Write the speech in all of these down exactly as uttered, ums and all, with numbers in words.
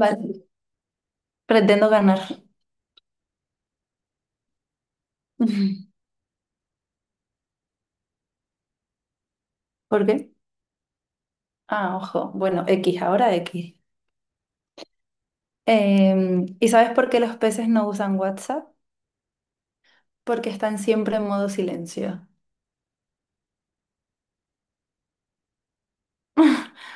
Vale, pretendo ganar. ¿Por qué? Ah, ojo. Bueno, X, ahora X. Em, ¿y sabes por qué los peces no usan WhatsApp? Porque están siempre en modo silencio.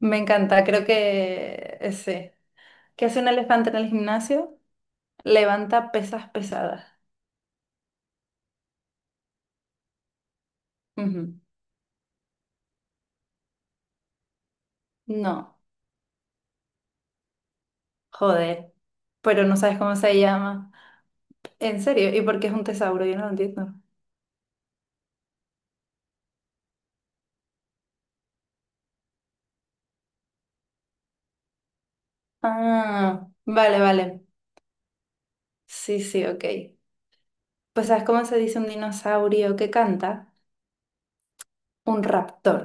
Me encanta, creo que ese. ¿Qué hace un elefante en el gimnasio? Levanta pesas pesadas. Ujú. No, joder. Pero no sabes cómo se llama. ¿En serio? ¿Y por qué es un tesauro? Yo no lo entiendo. Ah, vale, vale. Sí, sí, ok. Pues, ¿sabes cómo se dice un dinosaurio que canta? Un raptor.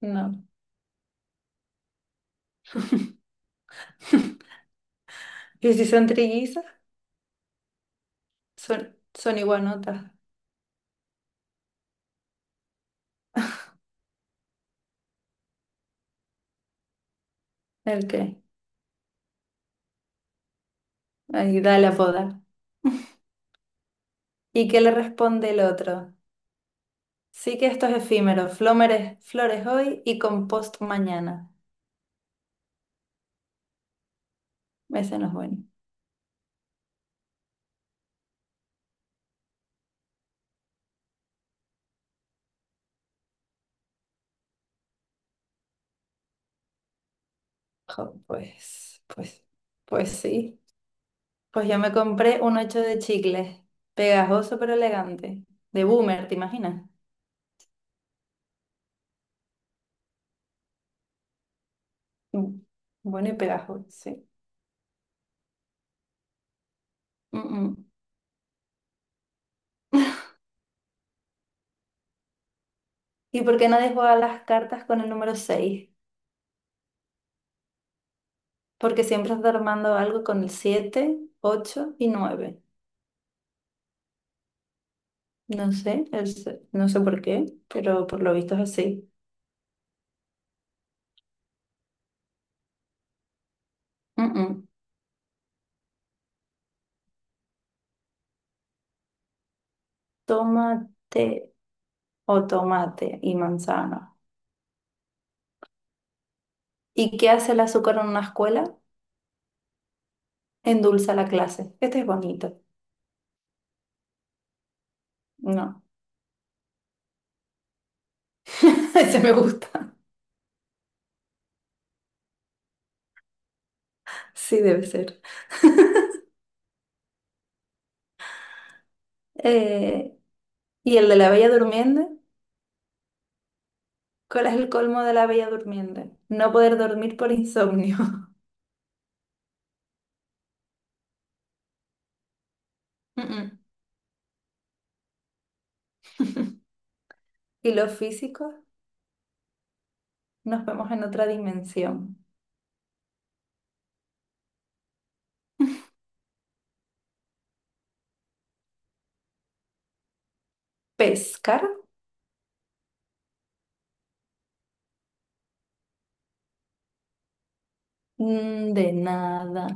No. ¿Y si son trillizas? Son, son iguanotas. ¿El qué? Ahí da la boda. ¿Y qué le responde el otro? Sí que esto es efímero. Flómeres, flores hoy y compost mañana. Ese no es bueno. Jo, pues, pues, pues sí. Pues yo me compré un ocho de chicles. Pegajoso pero elegante. De boomer, ¿te imaginas? Mm. Bueno y pegajoso, sí. Mm, mm. ¿Y por qué nadie juega las cartas con el número seis? Porque siempre está armando algo con el siete, ocho y nueve. No sé, es- no sé por qué, pero por lo visto es así. Mm, mm. Tomate o tomate y manzana. ¿Y qué hace el azúcar en una escuela? Endulza la clase. Este es bonito. No, ese me gusta. Sí, debe ser. Eh, ¿y el de la Bella Durmiente? ¿Cuál es el colmo de la Bella Durmiente? No poder dormir por insomnio. Mm, mm. Y los físicos, nos vemos en otra dimensión. Pescar. Mm, de nada.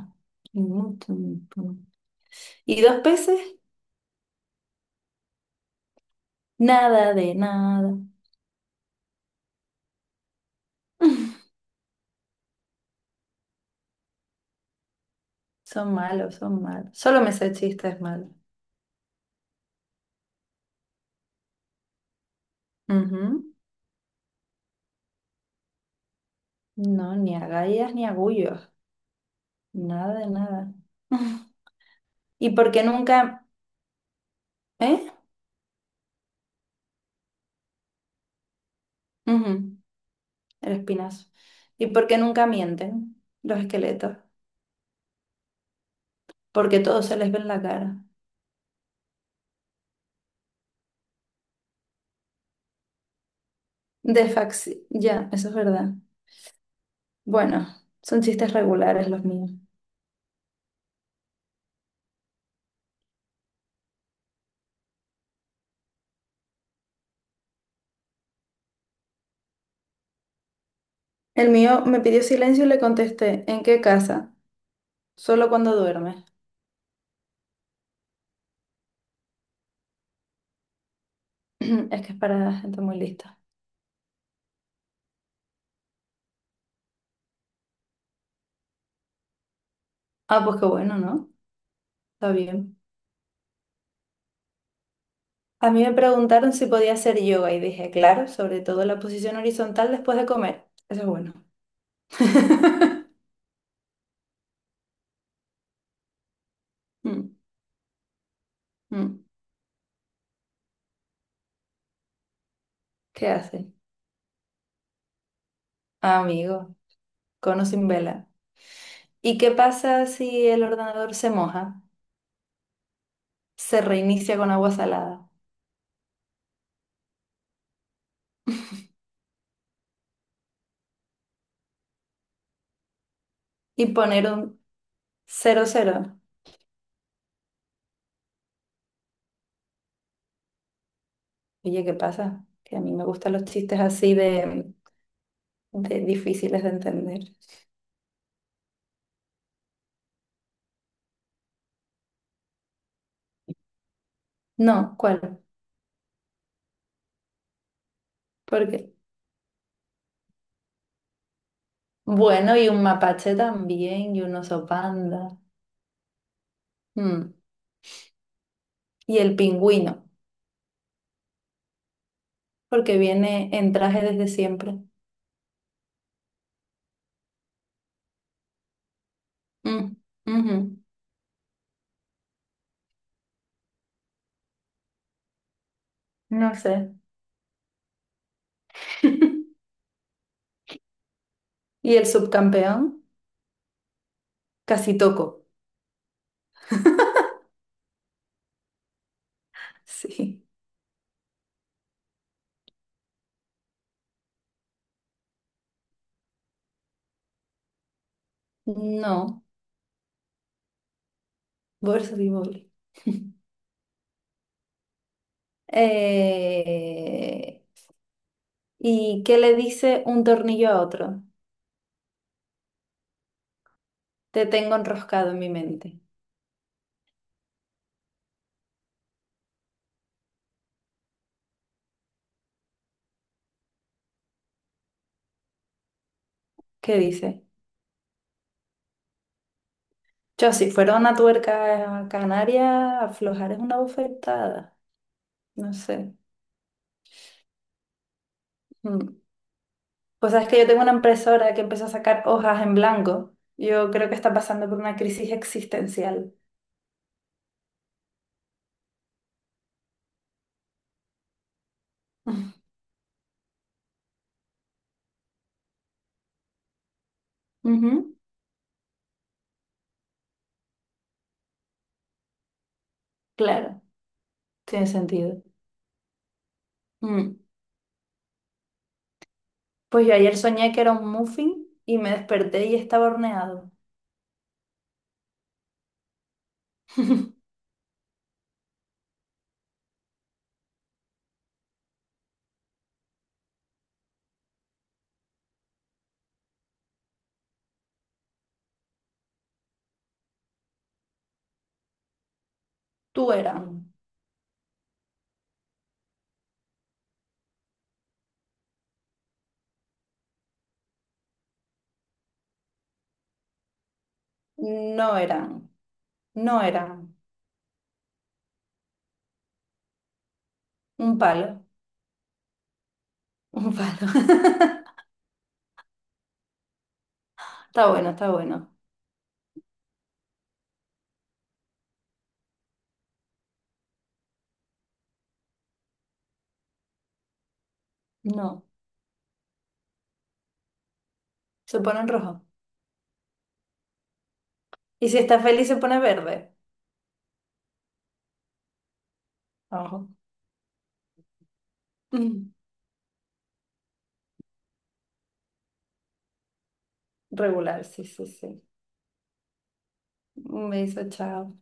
¿Y dos peces? Nada de nada. Son malos, son malos. Solo me sé chistes malos. Ujú. No, ni agallas ni agullos. Nada de nada. ¿Y por qué nunca... ¿Eh? Ujú. El espinazo. ¿Y por qué nunca mienten los esqueletos? Porque todo se les ve en la cara. De faxi... Ya, eso es verdad. Bueno, son chistes regulares los míos. El mío me pidió silencio y le contesté, ¿en qué casa? Solo cuando duerme. Es que es para gente muy lista. Ah, pues qué bueno, ¿no? Está bien. A mí me preguntaron si podía hacer yoga y dije, claro, sobre todo la posición horizontal después de comer. Eso es bueno. Mm, mm. ¿Qué hace? Ah, amigo, cono sin vela. ¿Y qué pasa si el ordenador se moja? Se reinicia con agua salada y poner un cero cero. Oye, ¿qué pasa? Que a mí me gustan los chistes así de, de difíciles de entender. No, ¿cuál? ¿Por qué? Bueno, y un mapache también, y un oso panda. Mm. Y el pingüino, porque viene en traje desde siempre. Mm, ujú. No sé. ¿Y el subcampeón? Casi toco. Sí. No, voleibol. Eh, ¿y qué le dice un tornillo a otro? Te tengo enroscado en mi mente. ¿Qué dice? Yo, si fuera una tuerca canaria, aflojar es una bofetada. No sé. Mm. Pues sabes que yo tengo una impresora que empezó a sacar hojas en blanco. Yo creo que está pasando por una crisis existencial. Ujú. Claro, tiene sentido. Mm. Pues yo ayer soñé que era un muffin y me desperté y estaba horneado. Tú eran, no eran, no eran. Un palo, un palo. Está bueno, está bueno. No, se pone en rojo. Y si está feliz se pone verde. Ojo. Mm, regular, sí, sí, sí. Un beso, chao.